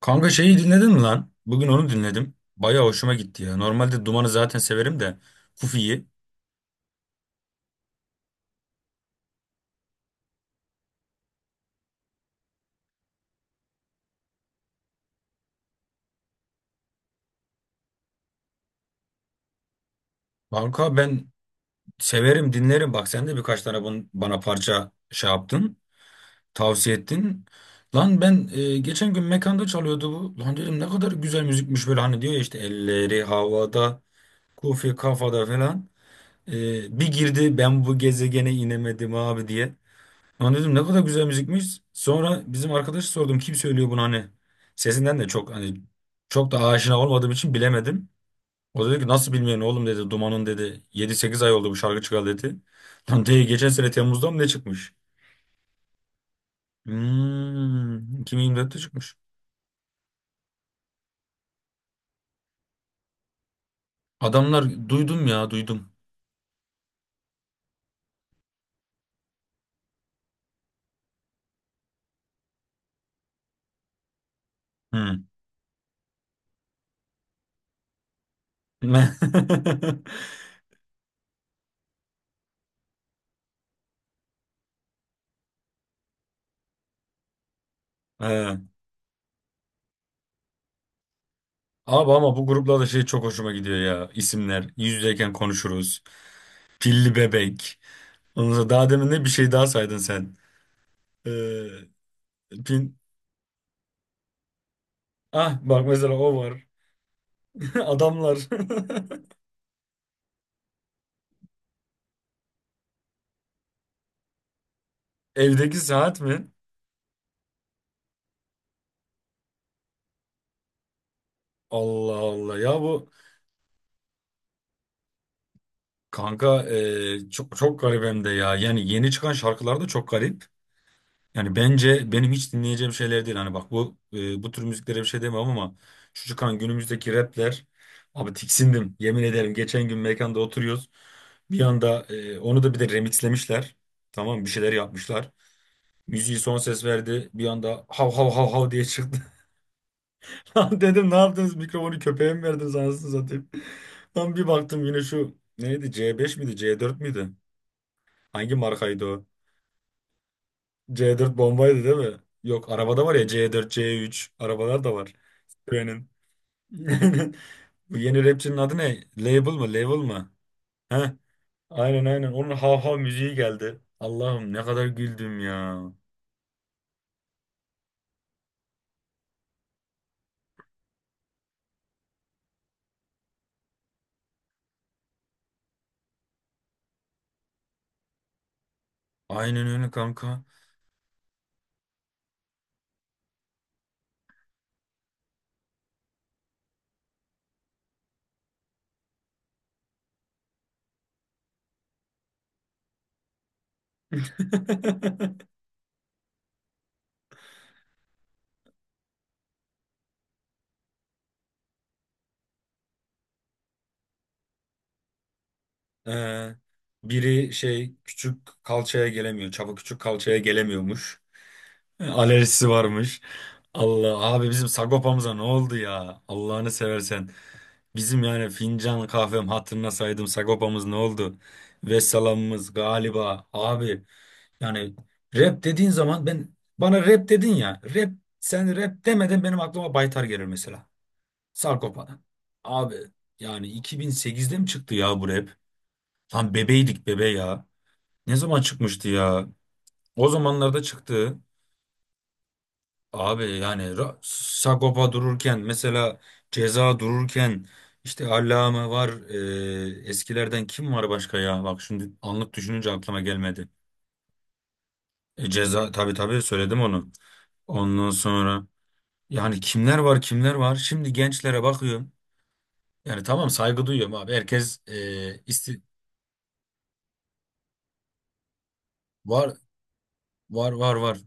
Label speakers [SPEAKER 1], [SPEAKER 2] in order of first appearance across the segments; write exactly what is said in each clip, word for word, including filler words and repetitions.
[SPEAKER 1] Kanka şeyi dinledin mi lan? Bugün onu dinledim. Baya hoşuma gitti ya. Normalde Duman'ı zaten severim de Kufi'yi. Kanka ben severim dinlerim. Bak sen de birkaç tane bun- bana parça şey yaptın. Tavsiye ettin. Lan ben e, geçen gün mekanda çalıyordu bu. Lan dedim ne kadar güzel müzikmiş böyle hani diyor ya işte elleri havada, Kufi kafada falan. E, bir girdi ben bu gezegene inemedim abi diye. Lan dedim ne kadar güzel müzikmiş. Sonra bizim arkadaşı sordum kim söylüyor bunu hani. Sesinden de çok hani çok da aşina olmadığım için bilemedim. O dedi ki nasıl bilmiyorsun oğlum dedi. Duman'ın dedi yedi sekiz ay oldu bu şarkı çıkalı dedi. Lan dedi geçen sene Temmuz'da mı ne çıkmış? Hmm, iki bin yirmi dörtte çıkmış. Adamlar duydum ya duydum. Hmm. He. Abi ama bu gruplarda şey çok hoşuma gidiyor ya. İsimler. Yüz yüzeyken konuşuruz. Pilli bebek. Ondan sonra daha demin de bir şey daha saydın sen. Ee, pin... Ah bak mesela o var. Adamlar. Evdeki saat mi? Allah Allah ya bu kanka e, çok çok garip hem de ya. Yani yeni çıkan şarkılar da çok garip. Yani bence benim hiç dinleyeceğim şeyler değil. Hani bak bu e, bu tür müziklere bir şey demem ama şu çıkan günümüzdeki rapler abi tiksindim. Yemin ederim geçen gün mekanda oturuyoruz. Bir anda e, onu da bir de remixlemişler. Tamam bir şeyler yapmışlar. Yüz son ses verdi. Bir anda hav hav hav hav diye çıktı. Lan dedim ne yaptınız? Mikrofonu köpeğe mi verdiniz anasını satayım? Lan bir baktım yine şu neydi? C beş miydi? C dört müydü? Hangi markaydı o? C dört bombaydı değil mi? Yok arabada var ya C dört, C üç arabalar da var. Benim. Bu yeni rapçinin adı ne? Label mı? Label mı? Heh. Aynen aynen. Onun hav hav müziği geldi. Allah'ım ne kadar güldüm ya. Aynen öyle kanka. Ee, biri şey küçük kalçaya gelemiyor. Çapa küçük kalçaya gelemiyormuş. Alerjisi varmış. Allah abi bizim Sagopa'mıza ne oldu ya? Allah'ını seversen. Bizim yani fincan kahvem hatırına saydım Sagopa'mız ne oldu? Vesselam'ımız galiba abi. Yani rap dediğin zaman ben bana rap dedin ya. Rap sen rap demeden benim aklıma Baytar gelir mesela. Sagopa'dan. Abi yani iki bin sekizde mi çıktı ya bu rap? Lan bebeydik bebe ya. Ne zaman çıkmıştı ya? O zamanlarda çıktı. Abi yani Ra- Sagopa dururken mesela Ceza dururken işte Allame var. e, eskilerden kim var başka ya? Bak şimdi anlık düşününce aklıma gelmedi. E, Ceza tabii tabii söyledim onu. Ondan sonra yani kimler var kimler var? Şimdi gençlere bakıyorum. Yani tamam saygı duyuyorum abi. Herkes e, isti var var var var.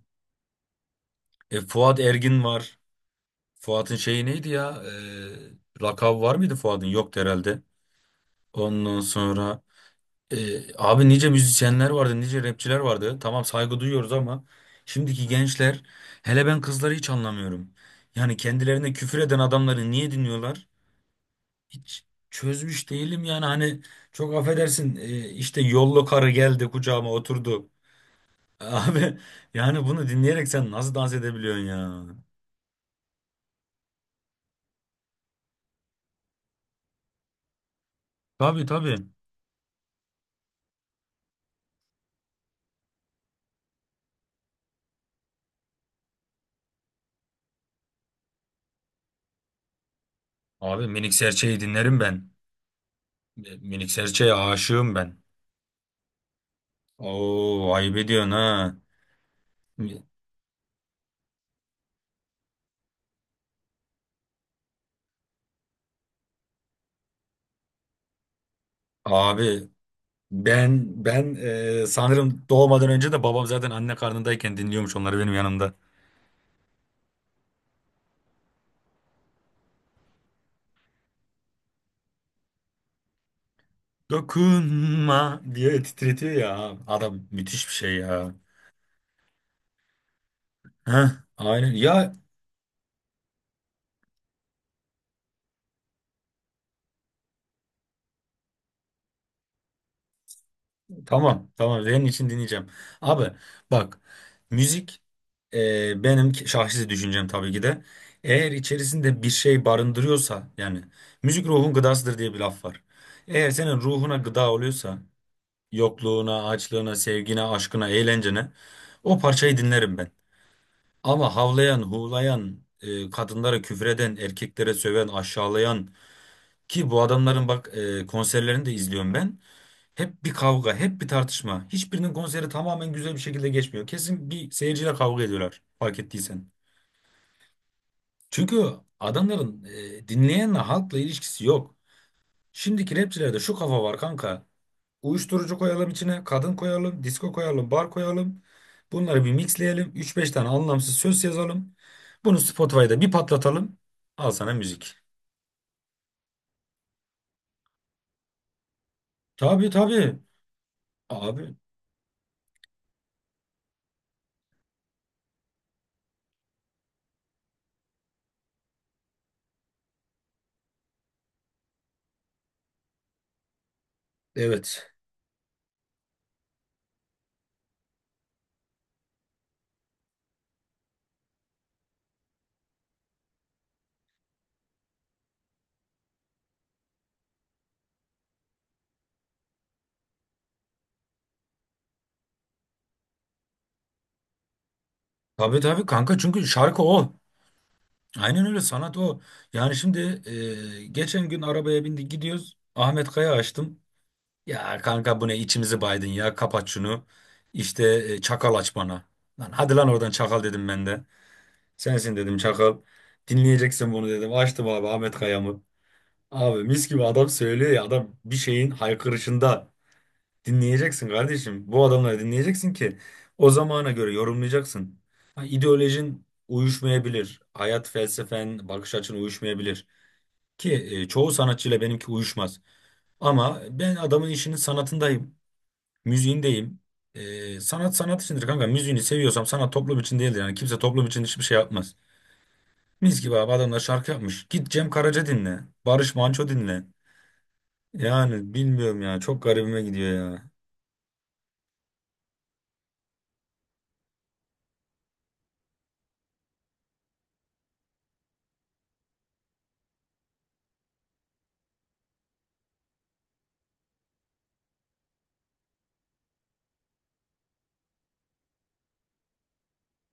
[SPEAKER 1] E, Fuat Ergin var. Fuat'ın şeyi neydi ya? Ee, lakabı var mıydı Fuat'ın? Yoktu herhalde. Ondan sonra e, abi nice müzisyenler vardı, nice rapçiler vardı. Tamam saygı duyuyoruz ama şimdiki gençler hele ben kızları hiç anlamıyorum. Yani kendilerine küfür eden adamları niye dinliyorlar? Hiç çözmüş değilim yani hani çok affedersin e, işte yollu karı geldi kucağıma oturdu. Abi yani bunu dinleyerek sen nasıl dans edebiliyorsun ya? Tabii tabii. Abi Minik Serçe'yi dinlerim ben. Melik Serçe'ye aşığım ben. Oo ayıp ediyorsun ha. Abi ben ben e, sanırım doğmadan önce de babam zaten anne karnındayken dinliyormuş onları benim yanımda. Dokunma diye titretiyor ya. Adam müthiş bir şey ya. Heh, aynen. Ya tamam, tamam. Senin için dinleyeceğim. Abi bak müzik e, benim ki- şahsi düşüncem tabii ki de. Eğer içerisinde bir şey barındırıyorsa yani müzik ruhun gıdasıdır diye bir laf var. Eğer senin ruhuna gıda oluyorsa yokluğuna, açlığına, sevgine, aşkına, eğlencene o parçayı dinlerim ben. Ama havlayan, huğlayan, e, kadınlara küfreden, erkeklere söven, aşağılayan ki bu adamların bak e, konserlerini de izliyorum ben. Hep bir kavga, hep bir tartışma. Hiçbirinin konseri tamamen güzel bir şekilde geçmiyor. Kesin bir seyirciyle kavga ediyorlar, fark ettiysen. Çünkü adamların e, dinleyenle, halkla ilişkisi yok. Şimdiki rapçilerde şu kafa var kanka. Uyuşturucu koyalım içine, kadın koyalım, disco koyalım, bar koyalım. Bunları bir mixleyelim. Üç beş tane anlamsız söz yazalım. Bunu Spotify'da bir patlatalım. Al sana müzik. Tabii tabii. Abi evet. Tabii tabii kanka çünkü şarkı o. Aynen öyle sanat o. Yani şimdi e, geçen gün arabaya bindik gidiyoruz. Ahmet Kaya açtım. Ya kanka bu ne içimizi baydın ya kapat şunu. İşte e, çakal aç bana. Lan hadi lan oradan çakal dedim ben de. Sensin dedim çakal. Dinleyeceksin bunu dedim. Açtım abi Ahmet Kaya'mı. Abi mis gibi adam söylüyor ya adam bir şeyin haykırışında. Dinleyeceksin kardeşim. Bu adamları dinleyeceksin ki o zamana göre yorumlayacaksın. Ha, ideolojin uyuşmayabilir. Hayat felsefen, bakış açın uyuşmayabilir. Ki e, çoğu sanatçıyla benimki uyuşmaz. Ama ben adamın işinin sanatındayım. Müziğindeyim. E, sanat sanat içindir kanka. Müziğini seviyorsam sanat toplum için değildir. Yani kimse toplum için hiçbir şey yapmaz. Mis gibi abi adamlar şarkı yapmış. Git Cem Karaca dinle. Barış Manço dinle. Yani bilmiyorum ya. Çok garibime gidiyor ya.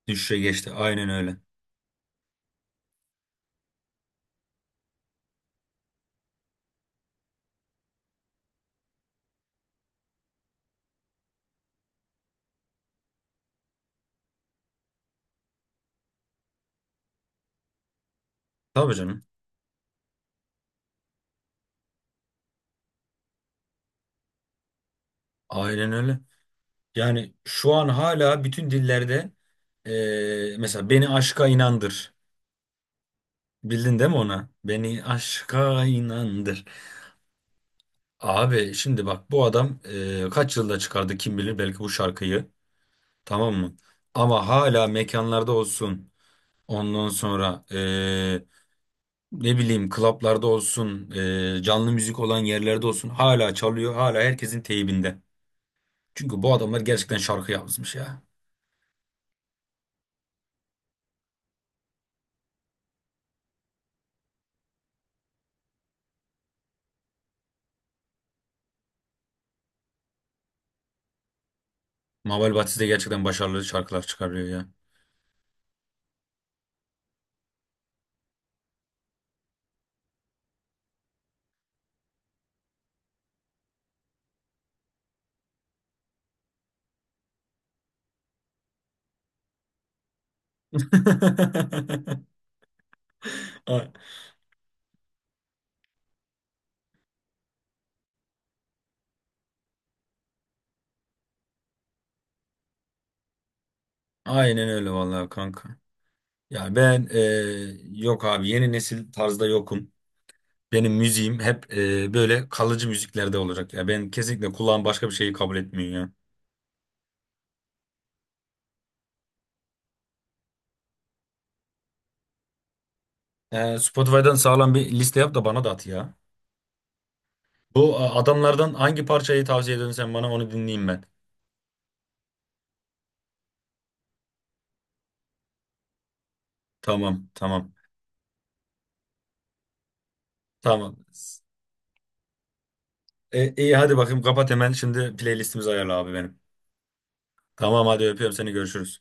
[SPEAKER 1] Düşüşe geçti. Aynen öyle. Tabii canım. Aynen öyle. Yani şu an hala bütün dillerde eee, mesela beni aşka inandır. Bildin değil mi ona? Beni aşka inandır. Abi şimdi bak bu adam eee, kaç yılda çıkardı kim bilir belki bu şarkıyı. Tamam mı? Ama hala mekanlarda olsun. Ondan sonra eee, ne bileyim klaplarda olsun. eee, canlı müzik olan yerlerde olsun. Hala çalıyor. Hala herkesin teybinde. Çünkü bu adamlar gerçekten şarkı yazmış ya. Mabel Batiste de gerçekten başarılı şarkılar çıkarıyor ya. A- Aynen öyle vallahi kanka. Ya ben e, yok abi yeni nesil tarzda yokum. Benim müziğim hep e, böyle kalıcı müziklerde olacak ya. Ben kesinlikle kulağım başka bir şeyi kabul etmiyor ya. E, Spotify'dan sağlam bir liste yap da bana da at ya. Bu e, adamlardan hangi parçayı tavsiye ediyorsun sen bana onu dinleyeyim ben. Tamam tamam tamam. E, iyi hadi bakayım kapat hemen şimdi playlistimizi ayarla abi benim. Tamam hadi öpüyorum seni görüşürüz.